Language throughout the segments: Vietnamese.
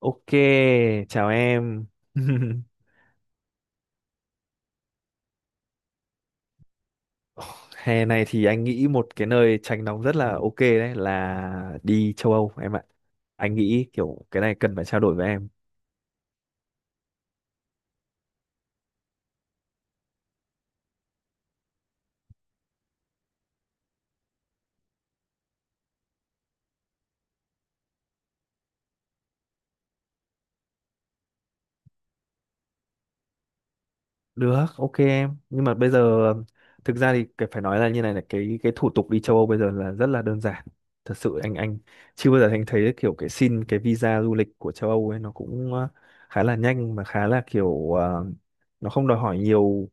Ok, chào em. Hè này thì anh nghĩ một cái nơi tránh nóng rất là ok đấy là đi châu Âu em ạ. Anh nghĩ kiểu cái này cần phải trao đổi với em. Được, ok em. Nhưng mà bây giờ thực ra thì phải nói là như này là cái thủ tục đi châu Âu bây giờ là rất là đơn giản. Thật sự anh chưa bao giờ anh thấy kiểu cái xin cái visa du lịch của châu Âu ấy nó cũng khá là nhanh mà khá là kiểu nó không đòi hỏi nhiều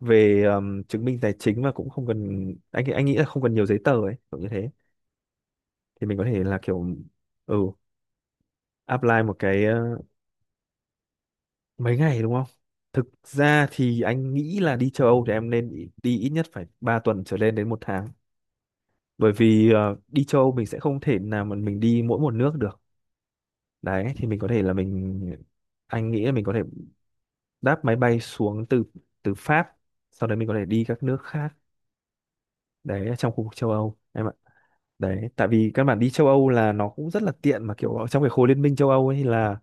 về chứng minh tài chính và cũng không cần anh nghĩ là không cần nhiều giấy tờ ấy, kiểu như thế. Thì mình có thể là kiểu ừ apply một cái mấy ngày đúng không? Thực ra thì anh nghĩ là đi châu Âu thì em nên đi đi ít nhất phải 3 tuần trở lên đến 1 tháng. Bởi vì đi châu Âu mình sẽ không thể nào mà mình đi mỗi một nước được. Đấy, thì mình có thể là mình anh nghĩ là mình có thể đáp máy bay xuống từ từ Pháp, sau đấy mình có thể đi các nước khác đấy ở trong khu vực châu Âu em ạ. Đấy, tại vì các bạn đi châu Âu là nó cũng rất là tiện mà kiểu ở trong cái khối liên minh châu Âu ấy thì là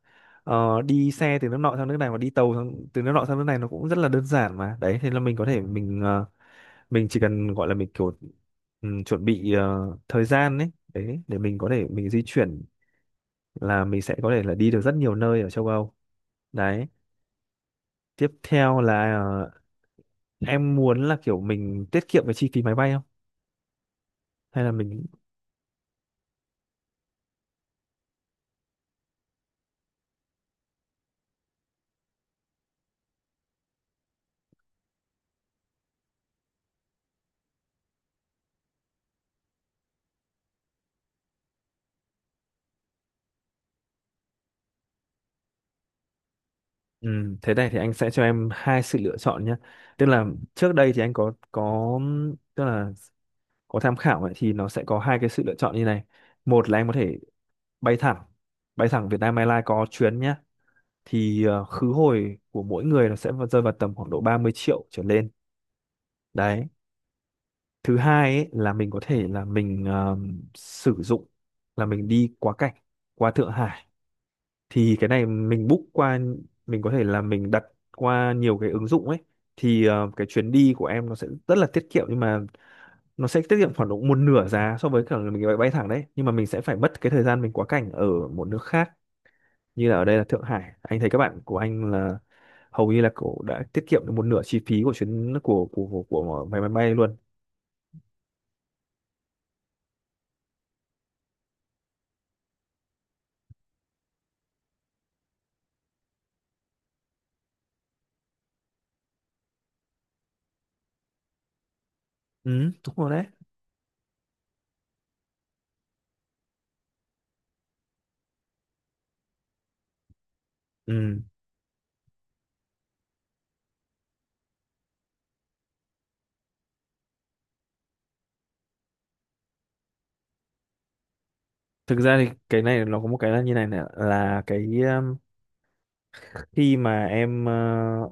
đi xe từ nước nọ sang nước này và đi tàu sang, từ nước nọ sang nước này nó cũng rất là đơn giản mà. Đấy, thế là mình có thể mình chỉ cần gọi là mình kiểu chuẩn bị thời gian ấy, đấy để mình có thể mình di chuyển là mình sẽ có thể là đi được rất nhiều nơi ở châu Âu. Đấy, tiếp theo là ờ, em muốn là kiểu mình tiết kiệm cái chi phí máy bay không? Hay là mình. Ừ, thế này thì anh sẽ cho em hai sự lựa chọn nhé. Tức là trước đây thì anh có tức là có tham khảo ấy, thì nó sẽ có hai cái sự lựa chọn như này. Một là anh có thể bay thẳng, bay thẳng Vietnam Airlines có chuyến nhé. Thì khứ hồi của mỗi người nó sẽ rơi vào tầm khoảng độ 30 triệu trở lên. Đấy. Thứ hai ấy, là mình có thể là mình sử dụng là mình đi quá cảnh qua Thượng Hải thì cái này mình book qua mình có thể là mình đặt qua nhiều cái ứng dụng ấy thì cái chuyến đi của em nó sẽ rất là tiết kiệm nhưng mà nó sẽ tiết kiệm khoảng độ một nửa giá so với cả là mình bay bay thẳng đấy nhưng mà mình sẽ phải mất cái thời gian mình quá cảnh ở một nước khác như là ở đây là Thượng Hải anh thấy các bạn của anh là hầu như là cổ đã tiết kiệm được một nửa chi phí của chuyến của máy máy bay luôn. Ừ. Đúng rồi đấy. Ừ. Thực ra thì cái này nó có một cái là như này này là cái khi mà em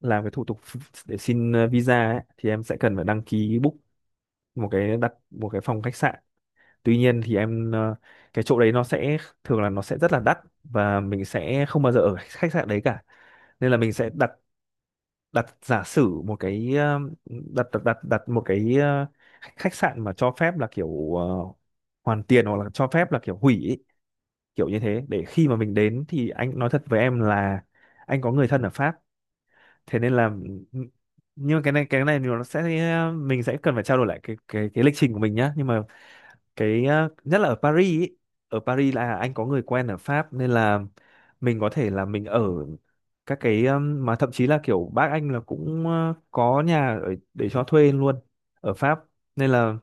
làm cái thủ tục để xin visa ấy, thì em sẽ cần phải đăng ký book một cái đặt một cái phòng khách sạn. Tuy nhiên thì em cái chỗ đấy nó sẽ thường là nó sẽ rất là đắt và mình sẽ không bao giờ ở khách sạn đấy cả. Nên là mình sẽ đặt đặt giả sử một cái đặt một cái khách khách sạn mà cho phép là kiểu hoàn tiền hoặc là cho phép là kiểu hủy ý, kiểu như thế để khi mà mình đến thì anh nói thật với em là anh có người thân ở Pháp thế nên là nhưng mà cái này thì nó sẽ mình sẽ cần phải trao đổi lại cái lịch trình của mình nhá nhưng mà cái nhất là ở Paris ý. Ở Paris là anh có người quen ở Pháp nên là mình có thể là mình ở các cái mà thậm chí là kiểu bác anh là cũng có nhà ở, để cho thuê luôn ở Pháp nên là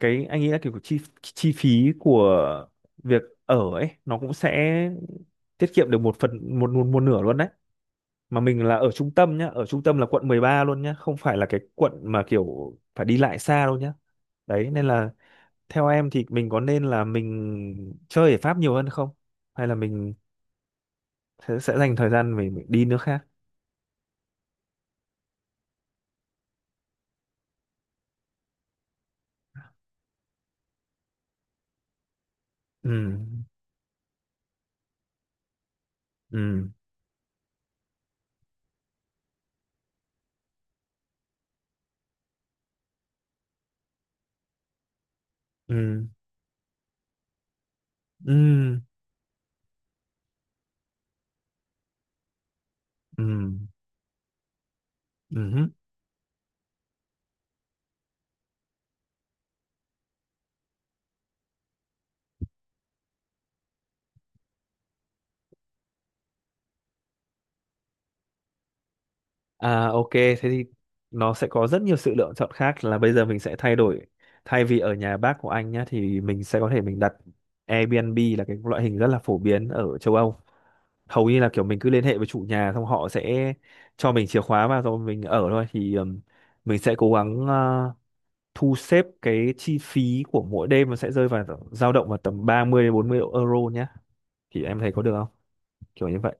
cái anh nghĩ là kiểu chi chi phí của việc ở ấy nó cũng sẽ tiết kiệm được một phần một một, một nửa luôn đấy mà mình là ở trung tâm nhá ở trung tâm là quận 13 luôn nhá không phải là cái quận mà kiểu phải đi lại xa đâu nhá đấy nên là theo em thì mình có nên là mình chơi ở Pháp nhiều hơn không hay là mình sẽ dành thời gian mình đi nước khác. Ừ, ừ, ừ, ừ, ừ, ừ hứ. À, ok, thế thì nó sẽ có rất nhiều sự lựa chọn khác là bây giờ mình sẽ thay đổi thay vì ở nhà bác của anh nhá thì mình sẽ có thể mình đặt Airbnb là cái loại hình rất là phổ biến ở châu Âu hầu như là kiểu mình cứ liên hệ với chủ nhà xong họ sẽ cho mình chìa khóa và rồi mình ở thôi thì mình sẽ cố gắng thu xếp cái chi phí của mỗi đêm nó sẽ rơi vào dao động vào tầm 30 đến 40 euro nhé thì em thấy có được không kiểu như vậy.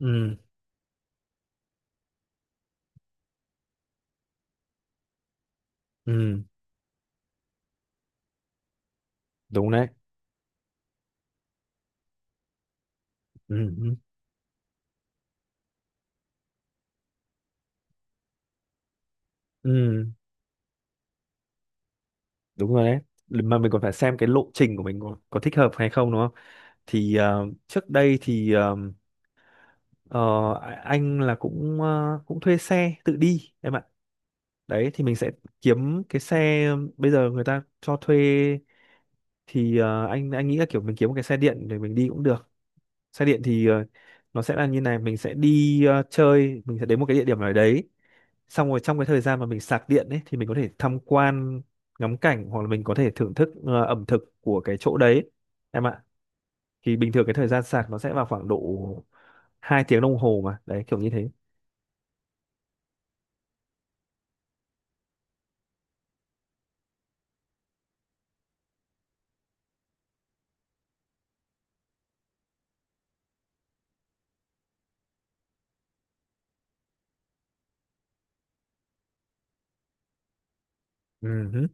Ừ, ừ, đúng đấy, ừ, ừ, ừ, đúng rồi đấy mà mình còn phải xem cái lộ trình của mình có thích hợp hay không đúng không thì trước đây thì ờ, anh là cũng cũng thuê xe tự đi em ạ đấy thì mình sẽ kiếm cái xe bây giờ người ta cho thuê thì anh nghĩ là kiểu mình kiếm một cái xe điện để mình đi cũng được xe điện thì nó sẽ là như này mình sẽ đi chơi mình sẽ đến một cái địa điểm nào đấy xong rồi trong cái thời gian mà mình sạc điện ấy thì mình có thể tham quan ngắm cảnh hoặc là mình có thể thưởng thức ẩm thực của cái chỗ đấy em ạ thì bình thường cái thời gian sạc nó sẽ vào khoảng độ 2 tiếng đồng hồ mà đấy kiểu như thế. Ừ.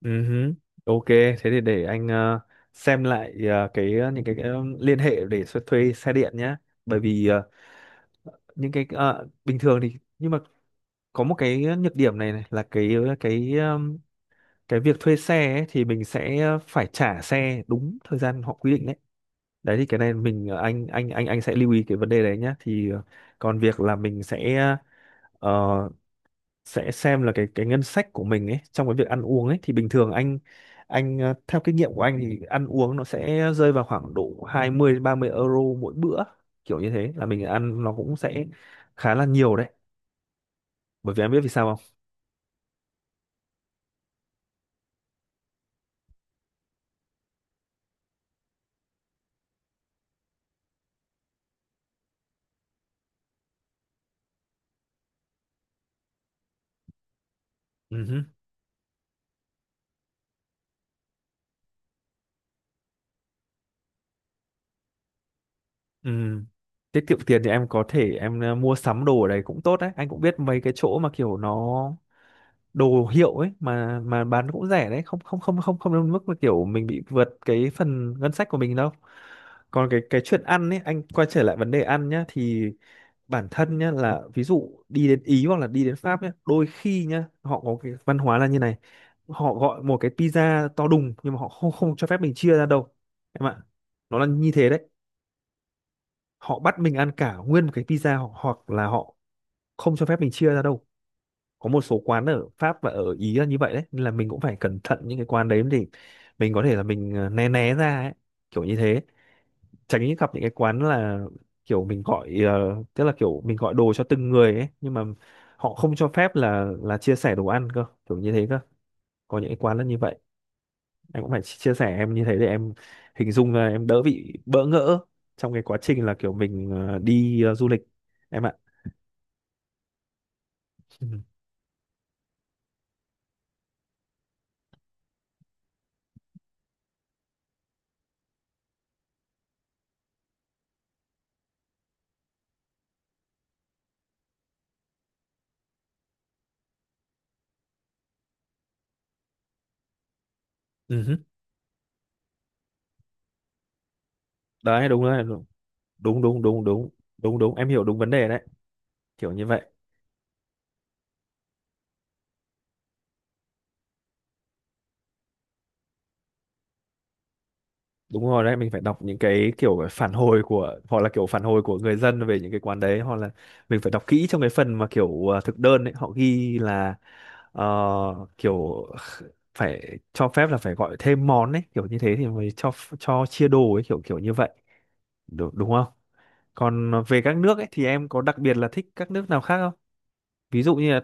Ừ hứ. Ok, thế thì để anh xem lại những cái liên hệ để thuê xe điện nhé. Bởi vì những cái bình thường thì nhưng mà có một cái nhược điểm này là cái ờ, cái việc thuê xe ấy, thì mình sẽ phải trả xe đúng thời gian họ quy định đấy. Đấy thì cái này mình anh sẽ lưu ý cái vấn đề đấy nhé. Thì còn việc là mình ờ, sẽ xem là cái ngân sách của mình ấy trong cái việc ăn uống ấy thì bình thường theo kinh nghiệm của anh thì ăn uống nó sẽ rơi vào khoảng độ 20 đến 30 euro mỗi bữa kiểu như thế là mình ăn nó cũng sẽ khá là nhiều đấy bởi vì em biết vì sao không. Ừ hứ. Ừ. Tiết kiệm tiền thì em có thể mua sắm đồ ở đấy cũng tốt đấy anh cũng biết mấy cái chỗ mà kiểu nó đồ hiệu ấy mà bán cũng rẻ đấy không không không không không đến mức là kiểu mình bị vượt cái phần ngân sách của mình đâu còn cái chuyện ăn ấy anh quay trở lại vấn đề ăn nhá thì bản thân nhá là ví dụ đi đến Ý hoặc là đi đến Pháp nhá đôi khi nhá họ có cái văn hóa là như này họ gọi một cái pizza to đùng nhưng mà họ không không cho phép mình chia ra đâu em ạ nó là như thế đấy họ bắt mình ăn cả nguyên một cái pizza hoặc hoặc là họ không cho phép mình chia ra đâu có một số quán ở Pháp và ở Ý là như vậy đấy nên là mình cũng phải cẩn thận những cái quán đấy để mình có thể là mình né né ra ấy kiểu như thế tránh gặp những cái quán là kiểu mình gọi tức là kiểu mình gọi đồ cho từng người ấy nhưng mà họ không cho phép là chia sẻ đồ ăn cơ kiểu như thế cơ có những cái quán là như vậy em cũng phải chia sẻ em như thế để em hình dung là em đỡ bị bỡ ngỡ trong cái quá trình là kiểu mình đi du lịch em ạ. Ừ. Ừ. Đấy đúng rồi, đúng, đúng, đúng, đúng, đúng, đúng, em hiểu đúng vấn đề đấy kiểu như vậy. Đúng, rồi đấy mình phải đọc những cái kiểu phản hồi của hoặc là kiểu phản hồi của người dân về những cái quán đấy hoặc là mình phải đọc kỹ trong cái phần mà kiểu ờ, thực đơn ấy họ ghi là ờ, kiểu phải cho phép là phải gọi thêm món ấy kiểu như thế thì mới cho chia đồ ấy kiểu kiểu như vậy đúng, đúng không? Còn về các nước ấy thì em có đặc biệt là thích các nước nào khác không, ví dụ như là.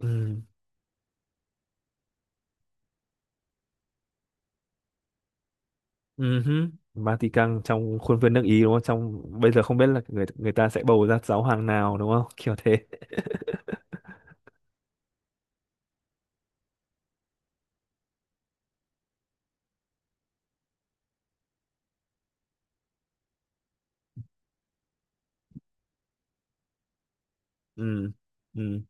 Ừ. Ừ hứ. Vatican trong khuôn viên nước Ý đúng không? Trong bây giờ không biết là người người ta sẽ bầu ra giáo hoàng nào đúng không? Kiểu thế. Ừ. Ừ.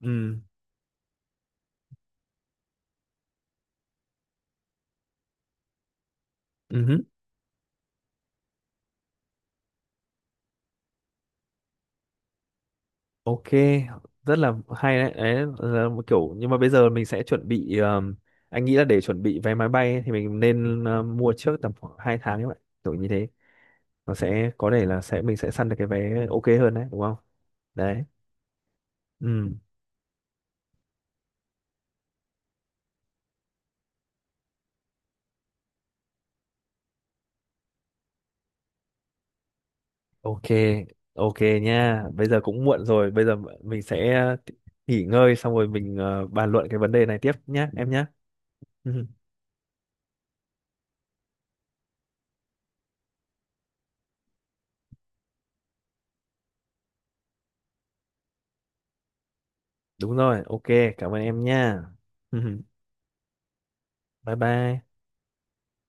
Ừ. Ừ hứ. Ok, rất là hay đấy. Đấy là một kiểu nhưng mà bây giờ mình sẽ chuẩn bị anh nghĩ là để chuẩn bị vé máy bay ấy, thì mình nên mua trước tầm khoảng 2 tháng các bạn. Kiểu như thế. Nó sẽ có thể là sẽ mình sẽ săn được cái vé ok hơn đấy, đúng không? Đấy. Ừ. Ok, ok nha. Bây giờ cũng muộn rồi, bây giờ mình sẽ nghỉ ngơi xong rồi mình bàn luận cái vấn đề này tiếp nhé, em nhé. Đúng rồi, ok, cảm ơn em nha. Bye bye.